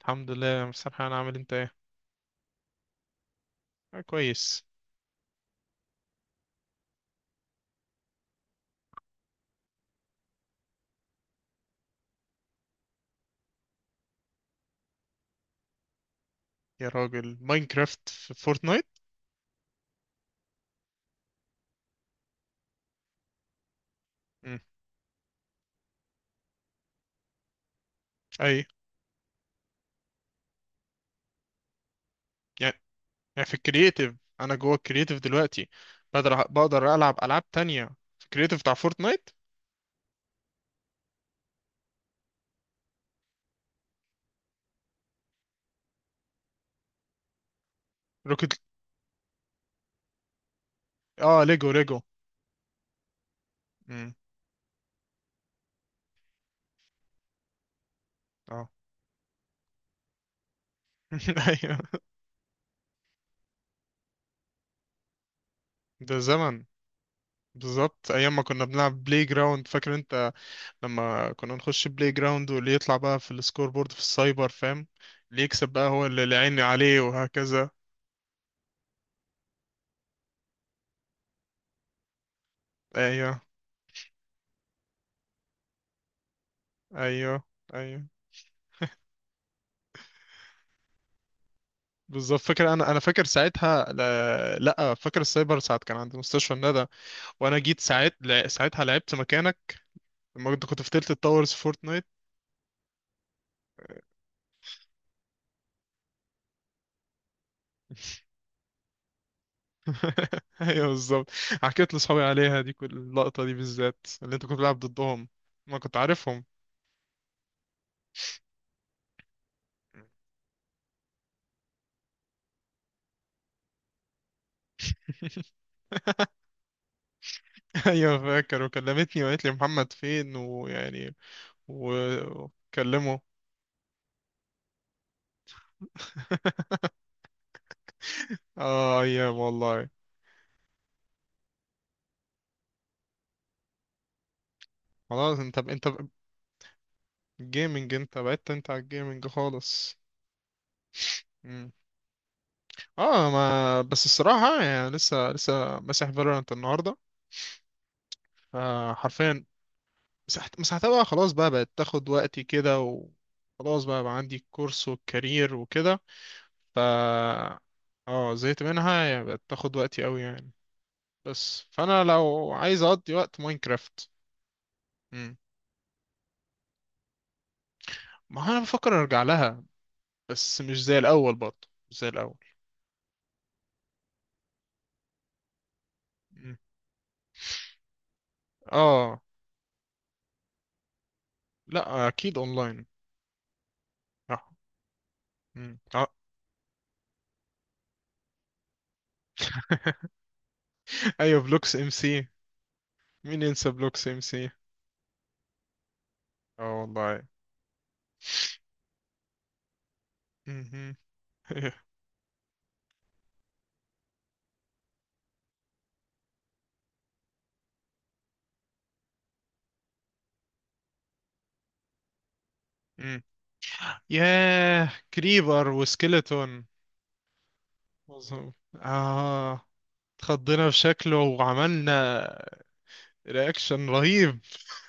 الحمد لله يا مستر حنان، عامل إيه؟ انت ايه كويس. يا راجل، ماينكرافت في فورتنايت. مم. اي. يعني يعني في الكرييتيف، انا جوه الكرييتيف دلوقتي. بقدر العب العاب تانية في الكرييتيف بتاع فورتنايت. روكت. اه، ليجو ليجو. مم. اه. ايوه، ده زمن. بالظبط، ايام ما كنا بنلعب بلاي جراوند، فاكر انت؟ لما كنا نخش بلاي جراوند واللي يطلع بقى في السكور بورد في السايبر، فاهم؟ اللي يكسب بقى هو اللي عيني عليه، وهكذا. ايوه، ايوه، ايوه، بالظبط، فاكر. انا فاكر ساعتها، لا, لا، فاكر السايبر ساعه كان عند مستشفى الندى، وانا جيت ساعت لا- ساعتها لعبت مكانك لما كنت في تلت التاورز في فورتنايت. ايوه، بالظبط، حكيت لاصحابي عليها، دي كل اللقطه دي بالذات اللي انت كنت بتلعب ضدهم، ما كنت عارفهم. ايوه فاكر، وكلمتني وقالت لي محمد فين، ويعني وكلمه. اه، ايام والله. خلاص جيمنج، انت بعدت انت على الجيمنج خالص. اه، ما بس الصراحة يعني لسه مسح فالورانت النهاردة. فحرفيا مسحتها بقى، خلاص بقى بقت تاخد وقتي كده، وخلاص بقى عندي الكورس والكارير وكده. ف اه، زهقت منها، يعني بقت تاخد وقتي قوي يعني. بس فانا لو عايز اقضي وقت، ماينكرافت. مم. ما هو انا بفكر ارجع لها، بس مش زي الاول برضه، مش زي الاول. مم. اه، لا اكيد اونلاين. آه. مم. آه. ايوه، بلوكس ام سي. مين ينسى بلوك سي سي؟ اه والله. مهم. مم. ياه، كريبر وسكيلتون. مظبوط. اه، اتخضينا في شكله وعملنا رياكشن رهيب.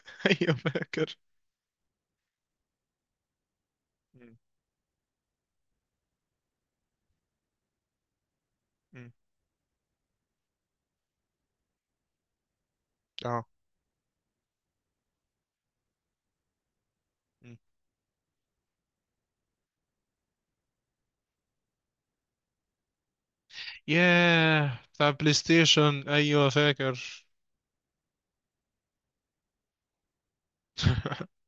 ايوه فاكر. مم. مم. اه. مم. ياه، بتاع بلاي ستيشن، ايوه فاكر.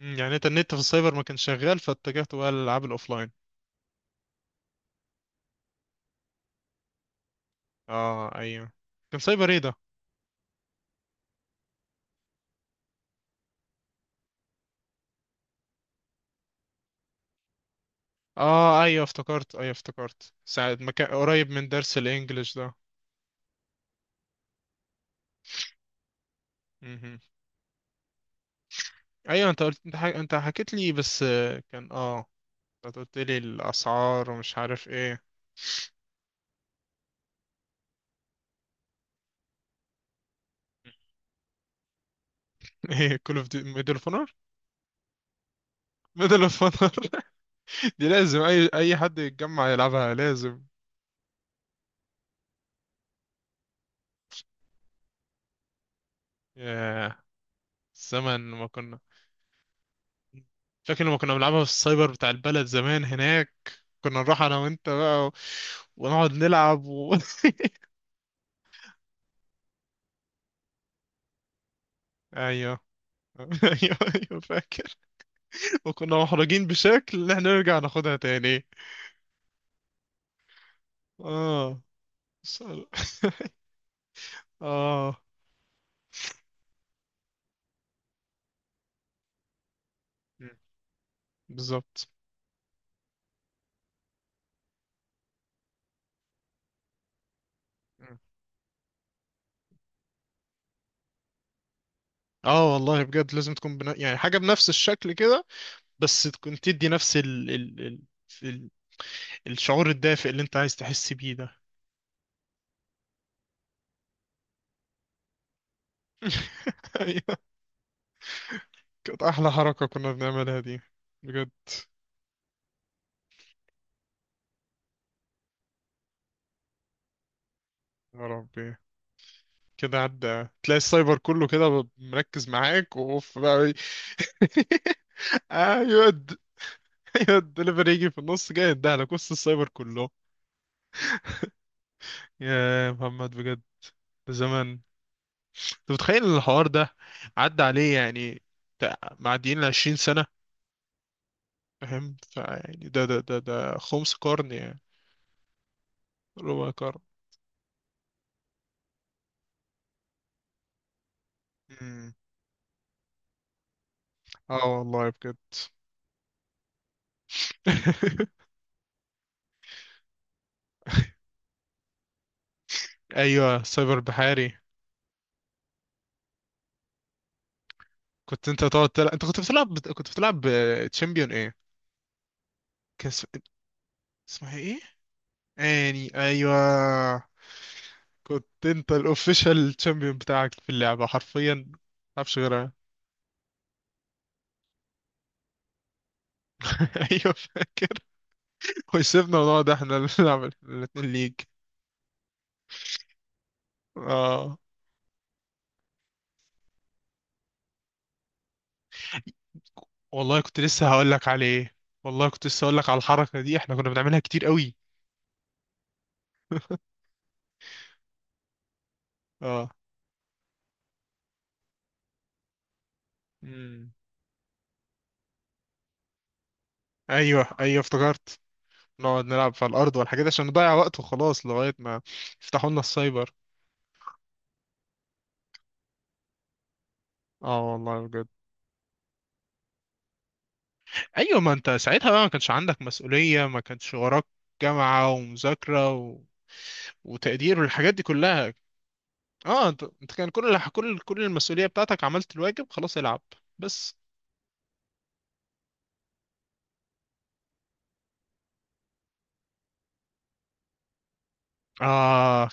مم. يعني انت النت في السايبر ما كانش شغال، فاتجهت بقى للالعاب الاوفلاين. اه ايوه. كان سايبر ايه ده؟ اه ايوه، افتكرت. ايوه افتكرت ساعة ما كان قريب من درس الانجليش ده. مهم. ايوه، انت قلت انت, حك... انت حكيت لي بس. كان انت قلت لي الاسعار ومش عارف ايه. ايه كل اوف دي، ميدل اوف اونر، ميدل اوف اونر. دي لازم اي حد يتجمع يلعبها، لازم. ياه، الزمن. ما كنا فاكر لما كنا بنلعبها في السايبر بتاع البلد زمان هناك، كنا نروح انا وانت بقى ونقعد نلعب ايوه. ايوه، ايوه فاكر. وكنا محرجين بشكل ان احنا نرجع ناخدها تاني. اه. اه، بالظبط. مم. اه والله بجد، لازم تكون يعني حاجة بنفس الشكل كده، بس تكون تدي نفس ال... الشعور الدافئ اللي انت عايز تحس بيه ده. ايوه. كانت احلى حركة كنا بنعملها دي، بجد. يا ربي، كده عدى تلاقي السايبر كله كده مركز معاك، واوف بقى. ايوه د- ايوه الدليفري، يجي في النص جاي يديها لك وسط السايبر كله. يا محمد، بجد، زمان. انت متخيل الحوار ده عدى عليه؟ يعني معديين ال 20 سنة، فاهم؟ فيعني ده خمس قرن يعني. ربع قرن. مم. اه والله بجد. ايوه، سايبر بحاري. كنت انت تقعد تلعب، انت كنت بتلعب كنت بتلعب تشامبيون ايه؟ كان اسمها ايه؟ اني، ايوه. كنت انت الاوفيشال تشامبيون بتاعك في اللعبة، حرفيا ما تعرفش غيرها. ايوه فاكر. ويسيبنا ونقعد احنا اللي نلعب الاتنين ليج. اه والله، كنت لسه هقول لك عليه. والله كنت لسه هقول لك على الحركة دي، احنا كنا بنعملها كتير قوي. اه. امم ايوه، ايوه افتكرت. نقعد نلعب في الارض والحاجات دي عشان نضيع وقت وخلاص، لغاية ما يفتحوا لنا السايبر. اه والله بجد. ايوه، ما انت ساعتها بقى ما كانش عندك مسؤولية، ما كانش وراك جامعة ومذاكرة وتقدير والحاجات دي كلها. اه، انت كان كل الح- كل كل المسؤولية بتاعتك عملت الواجب، خلاص العب بس. اه،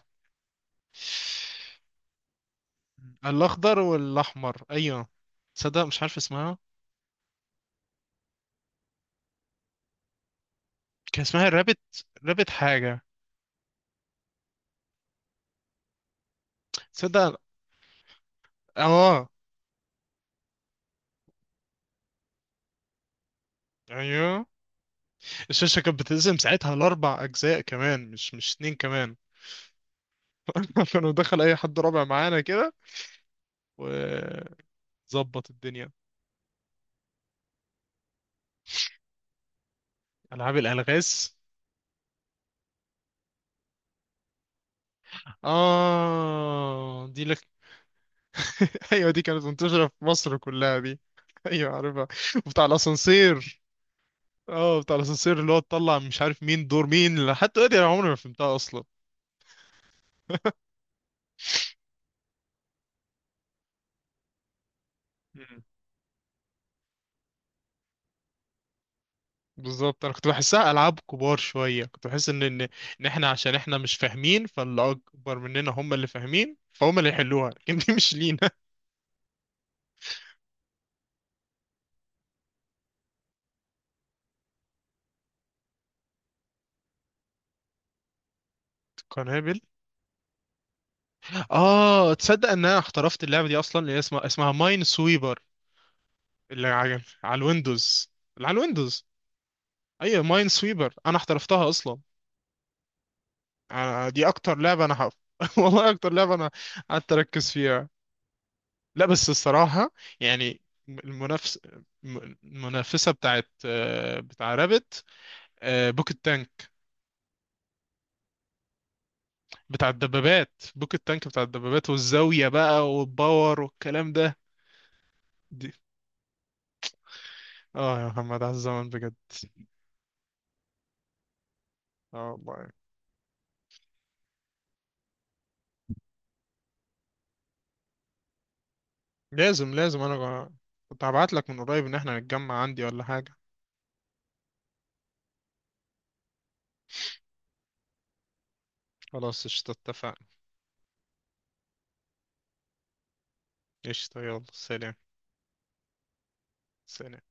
الاخضر والاحمر، ايوه. تصدق مش عارف اسمها. كان اسمها رابت. رابت حاجه. تصدق. اه ايوه، الشاشه كانت بتقسم ساعتها لاربع اجزاء كمان، مش اتنين كمان. كانوا دخل اي حد رابع معانا كده، وظبط الدنيا. العاب الالغاز. اه، دي لك. ايوه، دي كانت منتشره في مصر كلها دي. ايوه عارفها. وبتاع الاسانسير. اه، بتاع الاسانسير اللي هو تطلع مش عارف مين دور مين، لحد دلوقتي انا عمري ما فهمتها اصلا. مم. بالظبط، انا كنت بحسها العاب كبار شويه، كنت بحس ان احنا عشان احنا مش فاهمين، فاللي اكبر مننا هم اللي فاهمين، فهم اللي يحلوها. لكن دي مش لينا. قنابل. اه، تصدق ان انا احترفت اللعبه دي اصلا، اللي هي اسمها ماين سويبر، اللي على الويندوز، اللي على الويندوز. ايوه، ماين سويبر انا احترفتها اصلا. دي اكتر لعبه انا والله اكتر لعبه انا قعدت اركز فيها. لا بس الصراحة يعني، المنافس المنافسة بتاعت بتاع رابت، بوكت تانك. بتاع الدبابات، بوكت تانك، بتاع الدبابات والزاوية بقى والباور والكلام ده. دي. اه يا محمد، على الزمن بجد. اه والله، لازم لازم. كنت هبعت لك من قريب ان احنا نتجمع عندي ولا حاجة. خلاص قشطة، اتفقنا. قشطة، يلا سلام. سلام.